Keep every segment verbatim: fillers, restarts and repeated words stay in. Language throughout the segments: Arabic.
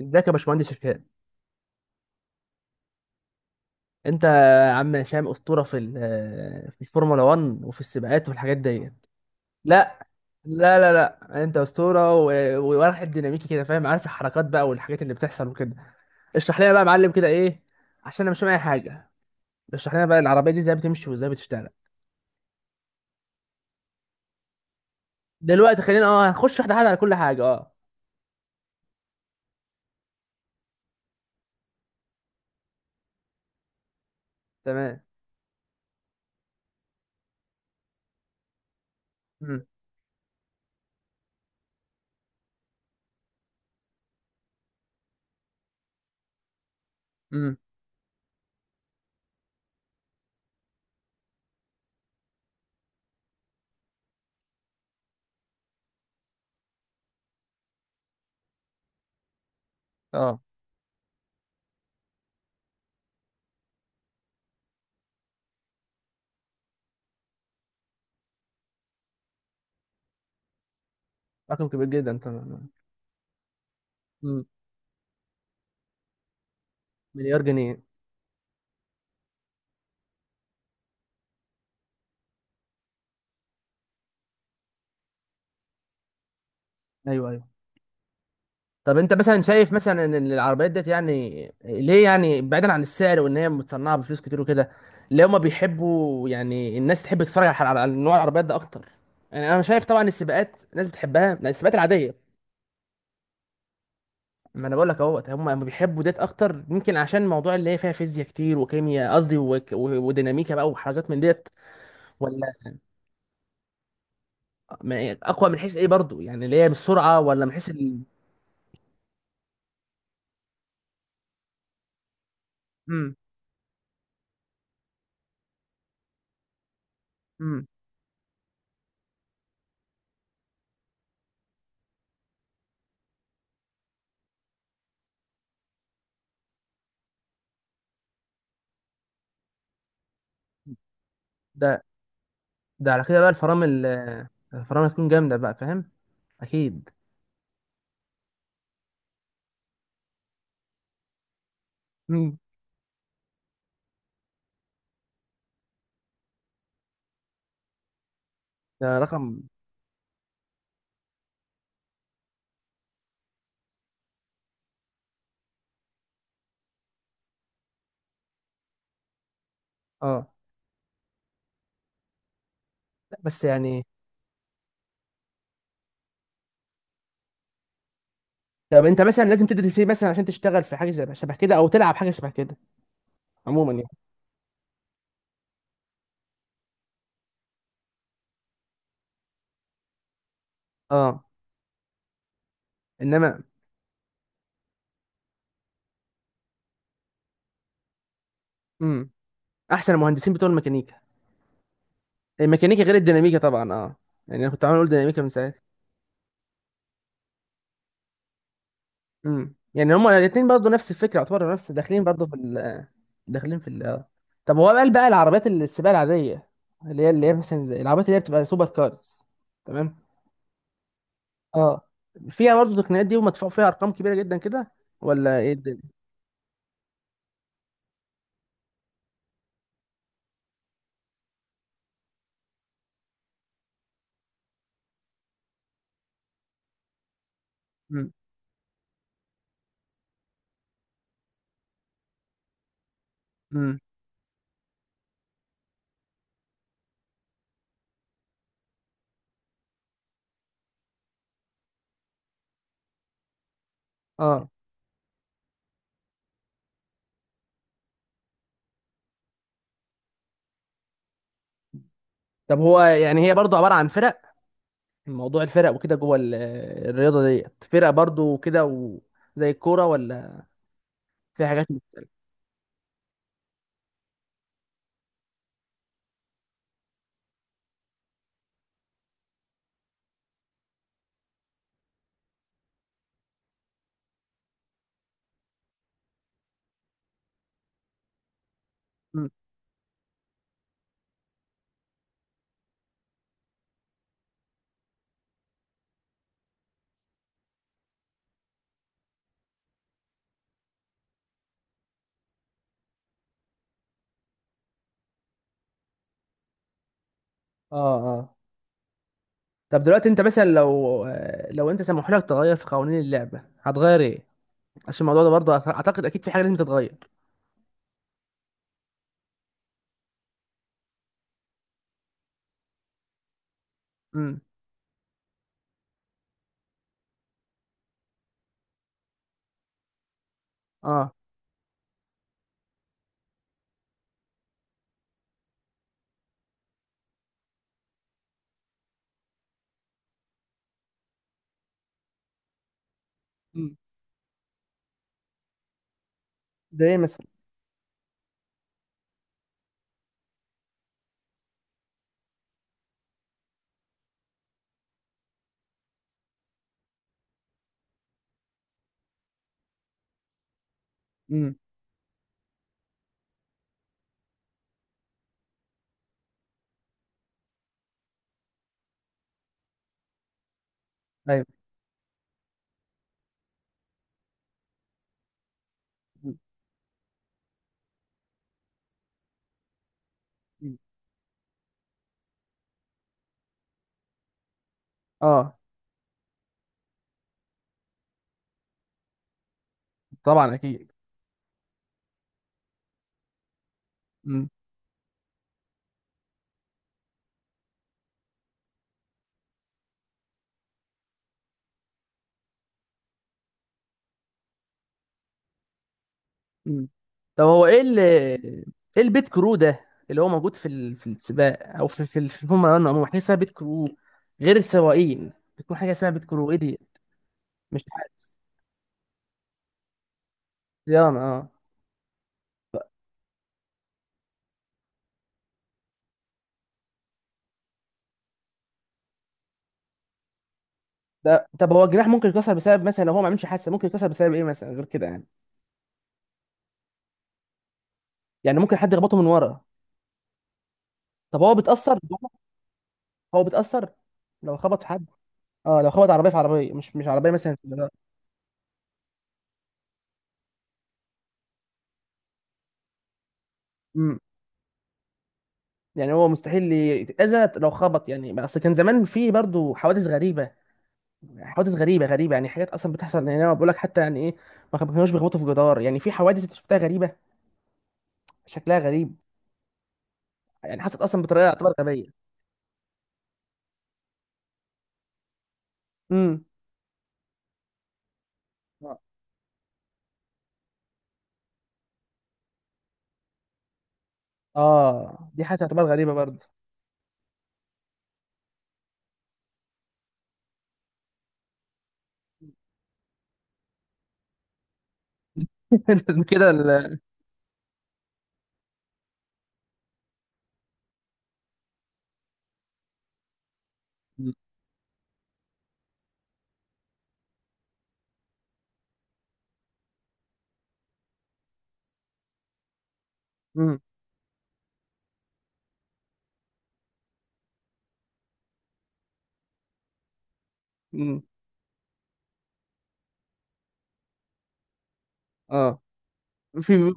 ازيك يا باشمهندس هشام. انت يا عم هشام اسطوره في ال- آه، في الفورمولا واحد وفي السباقات والحاجات ديت. لا لا لا لا انت اسطوره و- وواحد ديناميكي كده، فاهم، عارف الحركات بقى والحاجات اللي بتحصل وكده. اشرح لنا بقى يا معلم كده ايه، عشان انا مش فاهم اي حاجه. اشرح لنا بقى العربيه دي ازاي بتمشي وازاي بتشتغل. دلوقتي خلينا اه هنخش واحده واحده على كل حاجه. اه، تمام. امم. امم. اه، رقم كبير جدا، تمام. امم. مليار جنيه؟ ايوه ايوه. طب انت مثلا شايف مثلا ان العربيات ديت يعني ليه؟ يعني بعيدا عن السعر وان هي متصنعه بفلوس كتير وكده، ليه هما بيحبوا يعني الناس تحب تتفرج على على نوع العربيات ده اكتر؟ يعني انا شايف طبعا السباقات الناس بتحبها. لا، السباقات العاديه. ما انا بقول لك اهوت، هم هم بيحبوا ديت اكتر، يمكن عشان الموضوع اللي هي فيها فيزياء كتير وكيمياء قصدي وك- و- وديناميكا بقى وحاجات من ديت. ولا ما- اقوى من حيث ايه برضو؟ يعني اللي هي بالسرعه ولا من حيث ال... امم. امم. ده ده على كده بقى الفرامل آه، الفرامل هتكون جامدة بقى، فاهم. أكيد. مم. ده رقم. اه. لا بس يعني. طب انت مثلا لازم تدرس سي مثلا عشان تشتغل في حاجه زي- شبه كده او تلعب حاجه شبه كده، عموما يعني. اه. انما. امم. احسن المهندسين بتوع الميكانيكا. الميكانيكا غير الديناميكا طبعا، اه، يعني انا كنت عامل اقول ديناميكا من ساعتها. امم، يعني هما الاثنين برضه نفس الفكره، يعتبروا نفس، داخلين برضه في ال. داخلين في ال، آه. طب هو قال بقى العربيات السباق العاديه، اللي هي اللي هي مثلا زي العربيات اللي هي بتبقى سوبر كارز. تمام. اه، فيها برضه التقنيات دي ومدفوع فيها ارقام كبيره جدا كده، ولا ايه الدنيا؟ امم. امم. اه. طب هو يعني هي برضه عباره عن فرق؟ موضوع الفرق وكده جوه ال- الرياضه ديت، فرق برضه كده وزي الكوره ولا؟ في حاجات مت... مم. اه. اه. طب دلوقتي انت مثلا لو لو انت سمحوا لك تغير في قوانين اللعبه، هتغير ايه؟ عشان الموضوع ده برضه أعت- اعتقد اكيد في حاجه لازم تتغير. امم. اه. امم. زي ايه مثلا؟ امم. ايوه. مم. مم. اه. طبعا اكيد. مم. طب هو ايه اللي، ايه البيت كرو ده اللي هو موجود في ال... في السباق او في في, ال- في الفورمولا واحد عموما حاجه اسمها بيت كرو غير السواقين، بتكون حاجه اسمها بيت كرو، ايه دي؟ مش عارف. صيانه، اه. ده طب هو الجناح ممكن يتكسر بسبب مثلا لو هو ما عملش حادثه، ممكن يتكسر بسبب ايه مثلا غير كده يعني؟ يعني ممكن حد يخبطه من ورا؟ طب هو بيتاثر جوه؟ هو بيتاثر لو خبط في حد؟ اه، لو خبط عربيه في عربيه، مش مش عربيه مثلا في جراج. امم. يعني هو مستحيل يتأذى لو خبط يعني؟ اصل كان زمان في برضو حوادث غريبه، حوادث غريبه غريبه، يعني حاجات اصلا بتحصل، يعني انا بقول لك حتى يعني ايه، ما كان- ما كانوش بيخبطوا في جدار، يعني في حوادث انت شفتها غريبه، شكلها غريب، يعني حصلت اصلا بطريقه تعتبر غبيه. امم. اه، دي حاجه تعتبر غريبه برضه. كده ال. مم. مم. اه. في.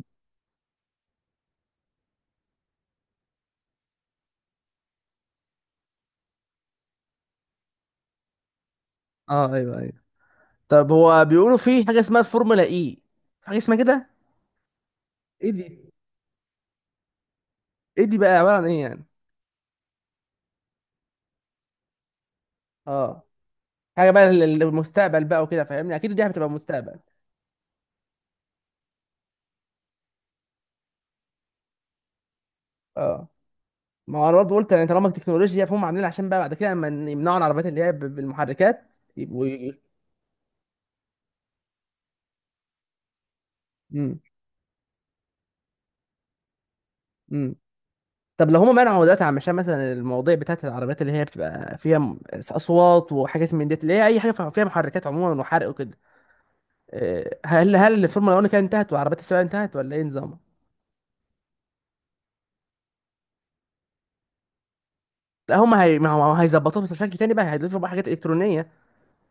اه. ايوه ايوه. طب هو بيقولوا في حاجه اسمها الفورمولا اي، في حاجه اسمها كده، ايه دي؟ ايه دي بقى عباره عن ايه يعني؟ اه، حاجه بقى لل- للمستقبل بقى وكده، فاهمني، اكيد دي هتبقى مستقبل. اه، ما هو انا برضه قلت، يعني طالما التكنولوجيا فهم عاملين عشان بقى بعد كده لما يمنعوا العربيات اللي هي ب- بالمحركات، يبقوا ي... امم. امم. طب لو هم منعوا دلوقتي عشان مثلا المواضيع بتاعت العربيات اللي هي بتبقى فيها م- اصوات وحاجات من ديت، اللي هي اي حاجه فيها محركات عموما وحرق وكده، آه، هل هل الفورمولا واحد كانت انتهت وعربيات السباق انتهت ولا ايه نظامها؟ لا هم هي... ما هو هيظبطوها بس بشكل تاني بقى، هيضيفوا بقى حاجات الكترونيه،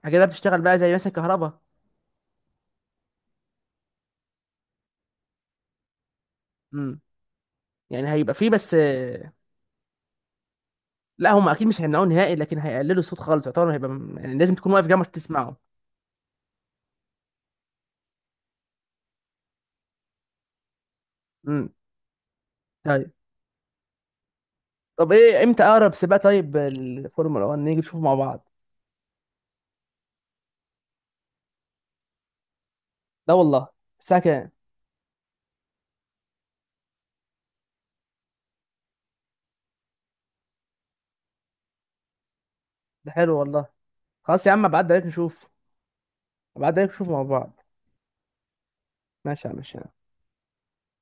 حاجات بقى بتشتغل بقى زي مثلا كهرباء. امم. يعني هيبقى فيه بس. لا هم اكيد مش هيمنعوه نهائي، لكن هيقللوا الصوت خالص، يعتبر هيبقى م-، يعني لازم تكون واقف جنبه عشان تسمعه. امم. طيب. طب ايه امتى اقرب سباق طيب الفورمولا واحد نيجي نشوفه مع بعض؟ لا والله، الساعه كام؟ ده حلو والله. خلاص يا عم ابعد عليك نشوف. ابعد عليك نشوف مع بعض. ماشي يا عم، ماشي.